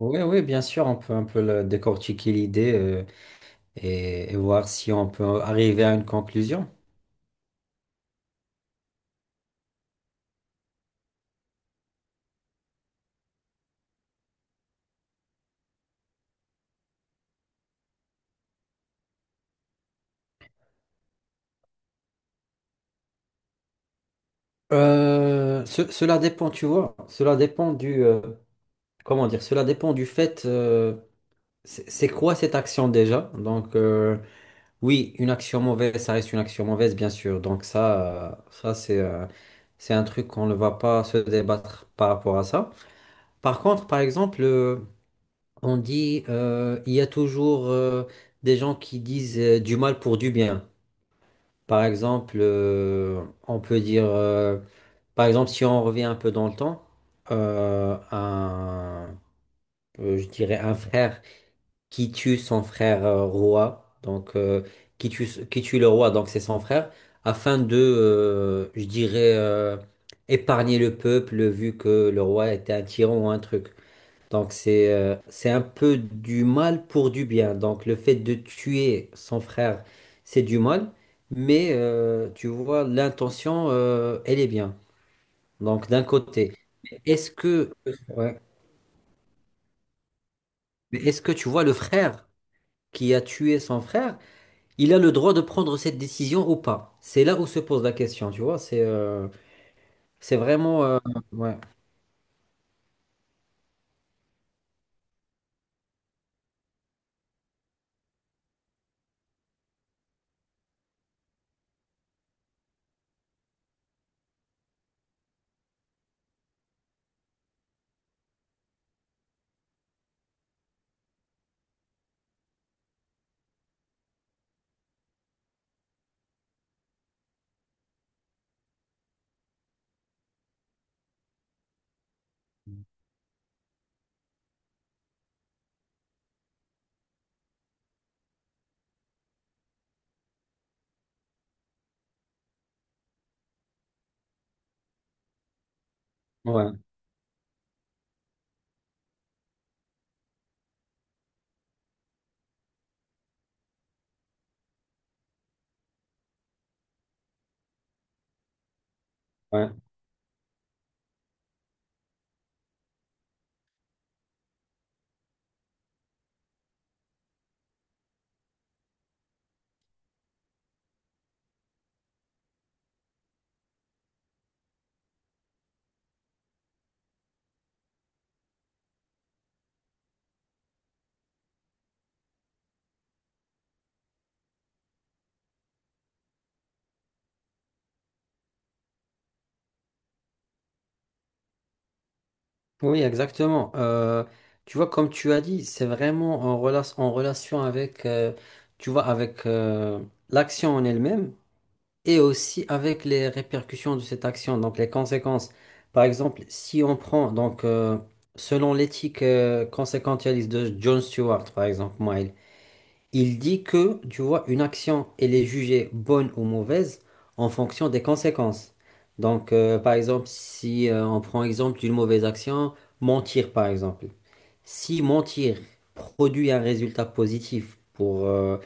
Oui, oui, bien sûr, on peut un peu décortiquer l'idée, et voir si on peut arriver à une conclusion. Cela dépend, tu vois, cela dépend comment dire, cela dépend du fait: c'est quoi cette action déjà? Oui, une action mauvaise, ça reste une action mauvaise, bien sûr. Donc ça, ça c'est c'est un truc qu'on ne va pas se débattre par rapport à ça. Par contre, par exemple, on dit, il y a toujours des gens qui disent du mal pour du bien. Par exemple, on peut dire, par exemple, si on revient un peu dans le temps, euh, un, je dirais un frère qui tue son frère, roi, qui tue le roi, donc c'est son frère, afin je dirais, épargner le peuple vu que le roi était un tyran ou un truc. Donc c'est un peu du mal pour du bien. Donc le fait de tuer son frère, c'est du mal, mais tu vois, l'intention, elle est bien. Donc d'un côté, est-ce que, ouais. Mais est-ce que tu vois le frère qui a tué son frère, il a le droit de prendre cette décision ou pas? C'est là où se pose la question, tu vois. C'est vraiment... ouais, ouais, ouais. Oui, exactement. Tu vois, comme tu as dit, c'est vraiment en, en relation avec, tu vois, avec l'action en elle-même et aussi avec les répercussions de cette action, donc les conséquences. Par exemple, si on prend, selon l'éthique conséquentialiste de John Stewart, par exemple, il dit que, tu vois, une action, elle est jugée bonne ou mauvaise en fonction des conséquences. Par exemple, si on prend exemple d'une mauvaise action, mentir, par exemple. Si mentir produit un résultat positif pour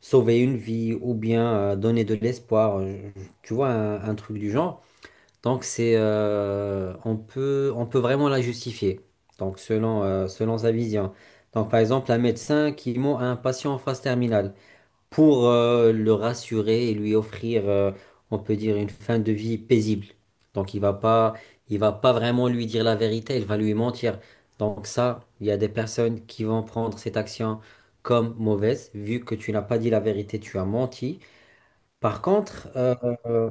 sauver une vie ou bien donner de l'espoir, tu vois, un truc du genre, donc on peut vraiment la justifier, donc selon, selon sa vision. Donc, par exemple, un médecin qui ment à un patient en phase terminale pour le rassurer et lui offrir, on peut dire, une fin de vie paisible. Donc il va pas vraiment lui dire la vérité, il va lui mentir. Donc ça, il y a des personnes qui vont prendre cette action comme mauvaise, vu que tu n'as pas dit la vérité, tu as menti. Par contre, euh,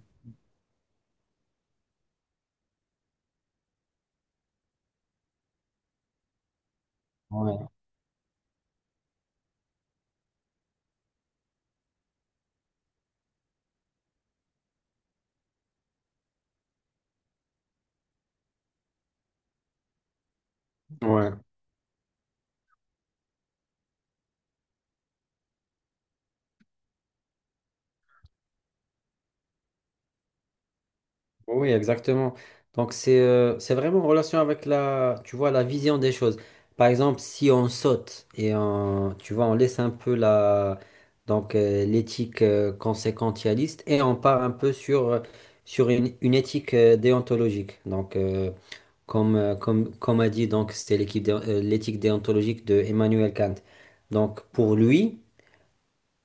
ouais, ouais. Oui, exactement. Donc c'est vraiment en relation avec la, tu vois, la vision des choses. Par exemple, si on saute et on, tu vois, on laisse un peu la l'éthique conséquentialiste et on part un peu sur sur une éthique déontologique. Comme comme a dit donc c'était l'éthique déontologique de Emmanuel Kant. Donc pour lui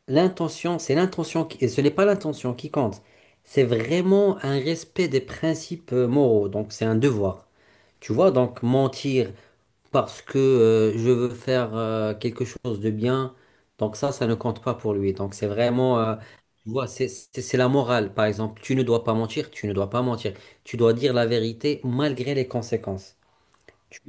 l'intention, c'est l'intention qui, et ce n'est pas l'intention qui compte. C'est vraiment un respect des principes moraux. Donc, c'est un devoir. Tu vois, donc mentir parce que je veux faire quelque chose de bien, donc ça ne compte pas pour lui. Donc, tu vois, c'est la morale. Par exemple, tu ne dois pas mentir, tu ne dois pas mentir. Tu dois dire la vérité malgré les conséquences. Tu-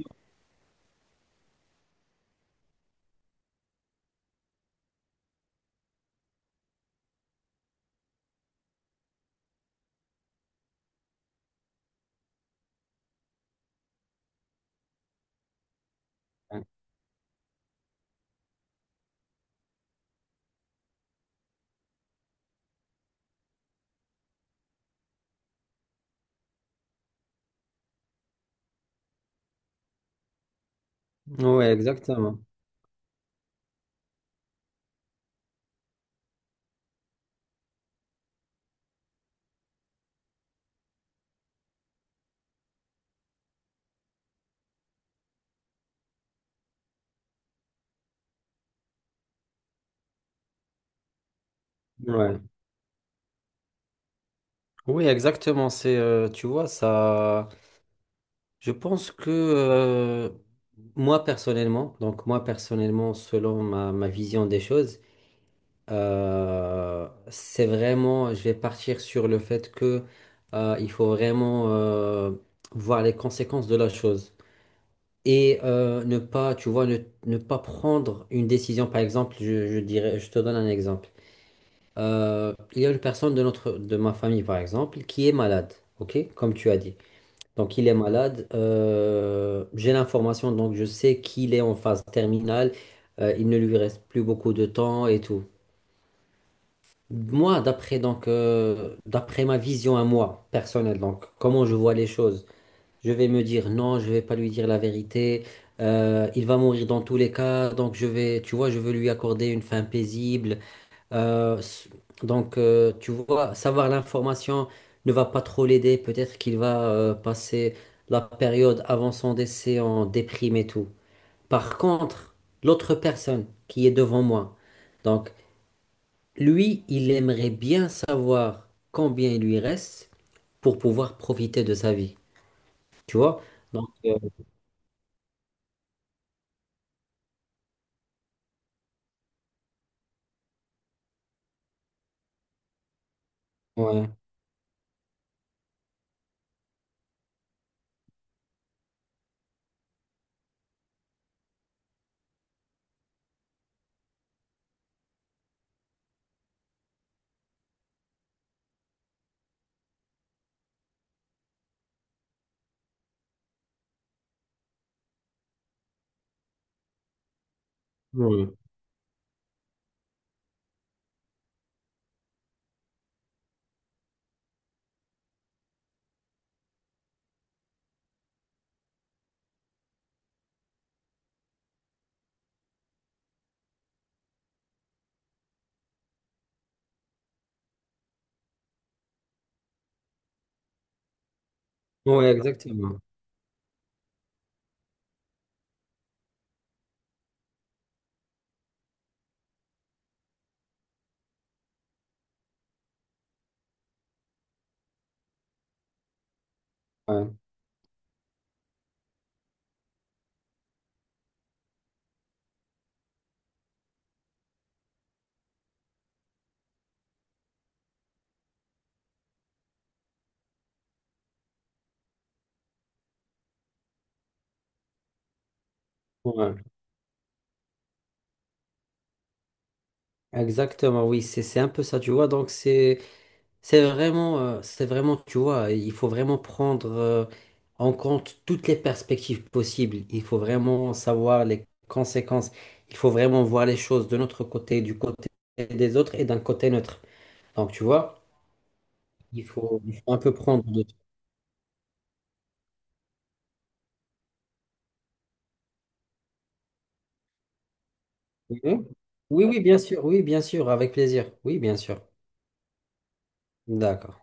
Vois. Ouais, exactement. Ouais. Oui, exactement. Tu vois, ça. Je pense que moi personnellement, donc moi personnellement, selon ma, ma vision des choses, c'est vraiment, je vais partir sur le fait que il faut vraiment voir les conséquences de la chose et ne pas, tu vois, ne, ne pas prendre une décision. Par exemple, je dirais, je te donne un exemple. Il y a une personne de notre, de ma famille, par exemple, qui est malade, ok, comme tu as dit. Donc, il est malade. J'ai l'information, donc je sais qu'il est en phase terminale. Il ne lui reste plus beaucoup de temps et tout. Moi, d'après d'après ma vision à moi personnelle, donc comment je vois les choses, je vais me dire non, je vais pas lui dire la vérité. Il va mourir dans tous les cas, donc je vais, tu vois, je veux lui accorder une fin paisible. Euh, s- tu vois, savoir l'information ne va pas trop l'aider. Peut-être qu'il va passer la période avant son décès en déprime et tout. Par contre, l'autre personne qui est devant moi, donc lui, il aimerait bien savoir combien il lui reste pour pouvoir profiter de sa vie. Tu vois? Donc, euh, ouais, ouais, ouais, exactement. Ouais, ouais. Exactement, oui, c'est un peu ça, tu vois. Donc, c'est. C'est vraiment, tu vois, il faut vraiment prendre en compte toutes les perspectives possibles. Il faut vraiment savoir les conséquences. Il faut vraiment voir les choses de notre côté, du côté des autres et d'un côté neutre. Donc, tu vois, il faut un peu prendre de tout. Mhm. Oui, oui, bien sûr, avec plaisir. Oui, bien sûr. D'accord.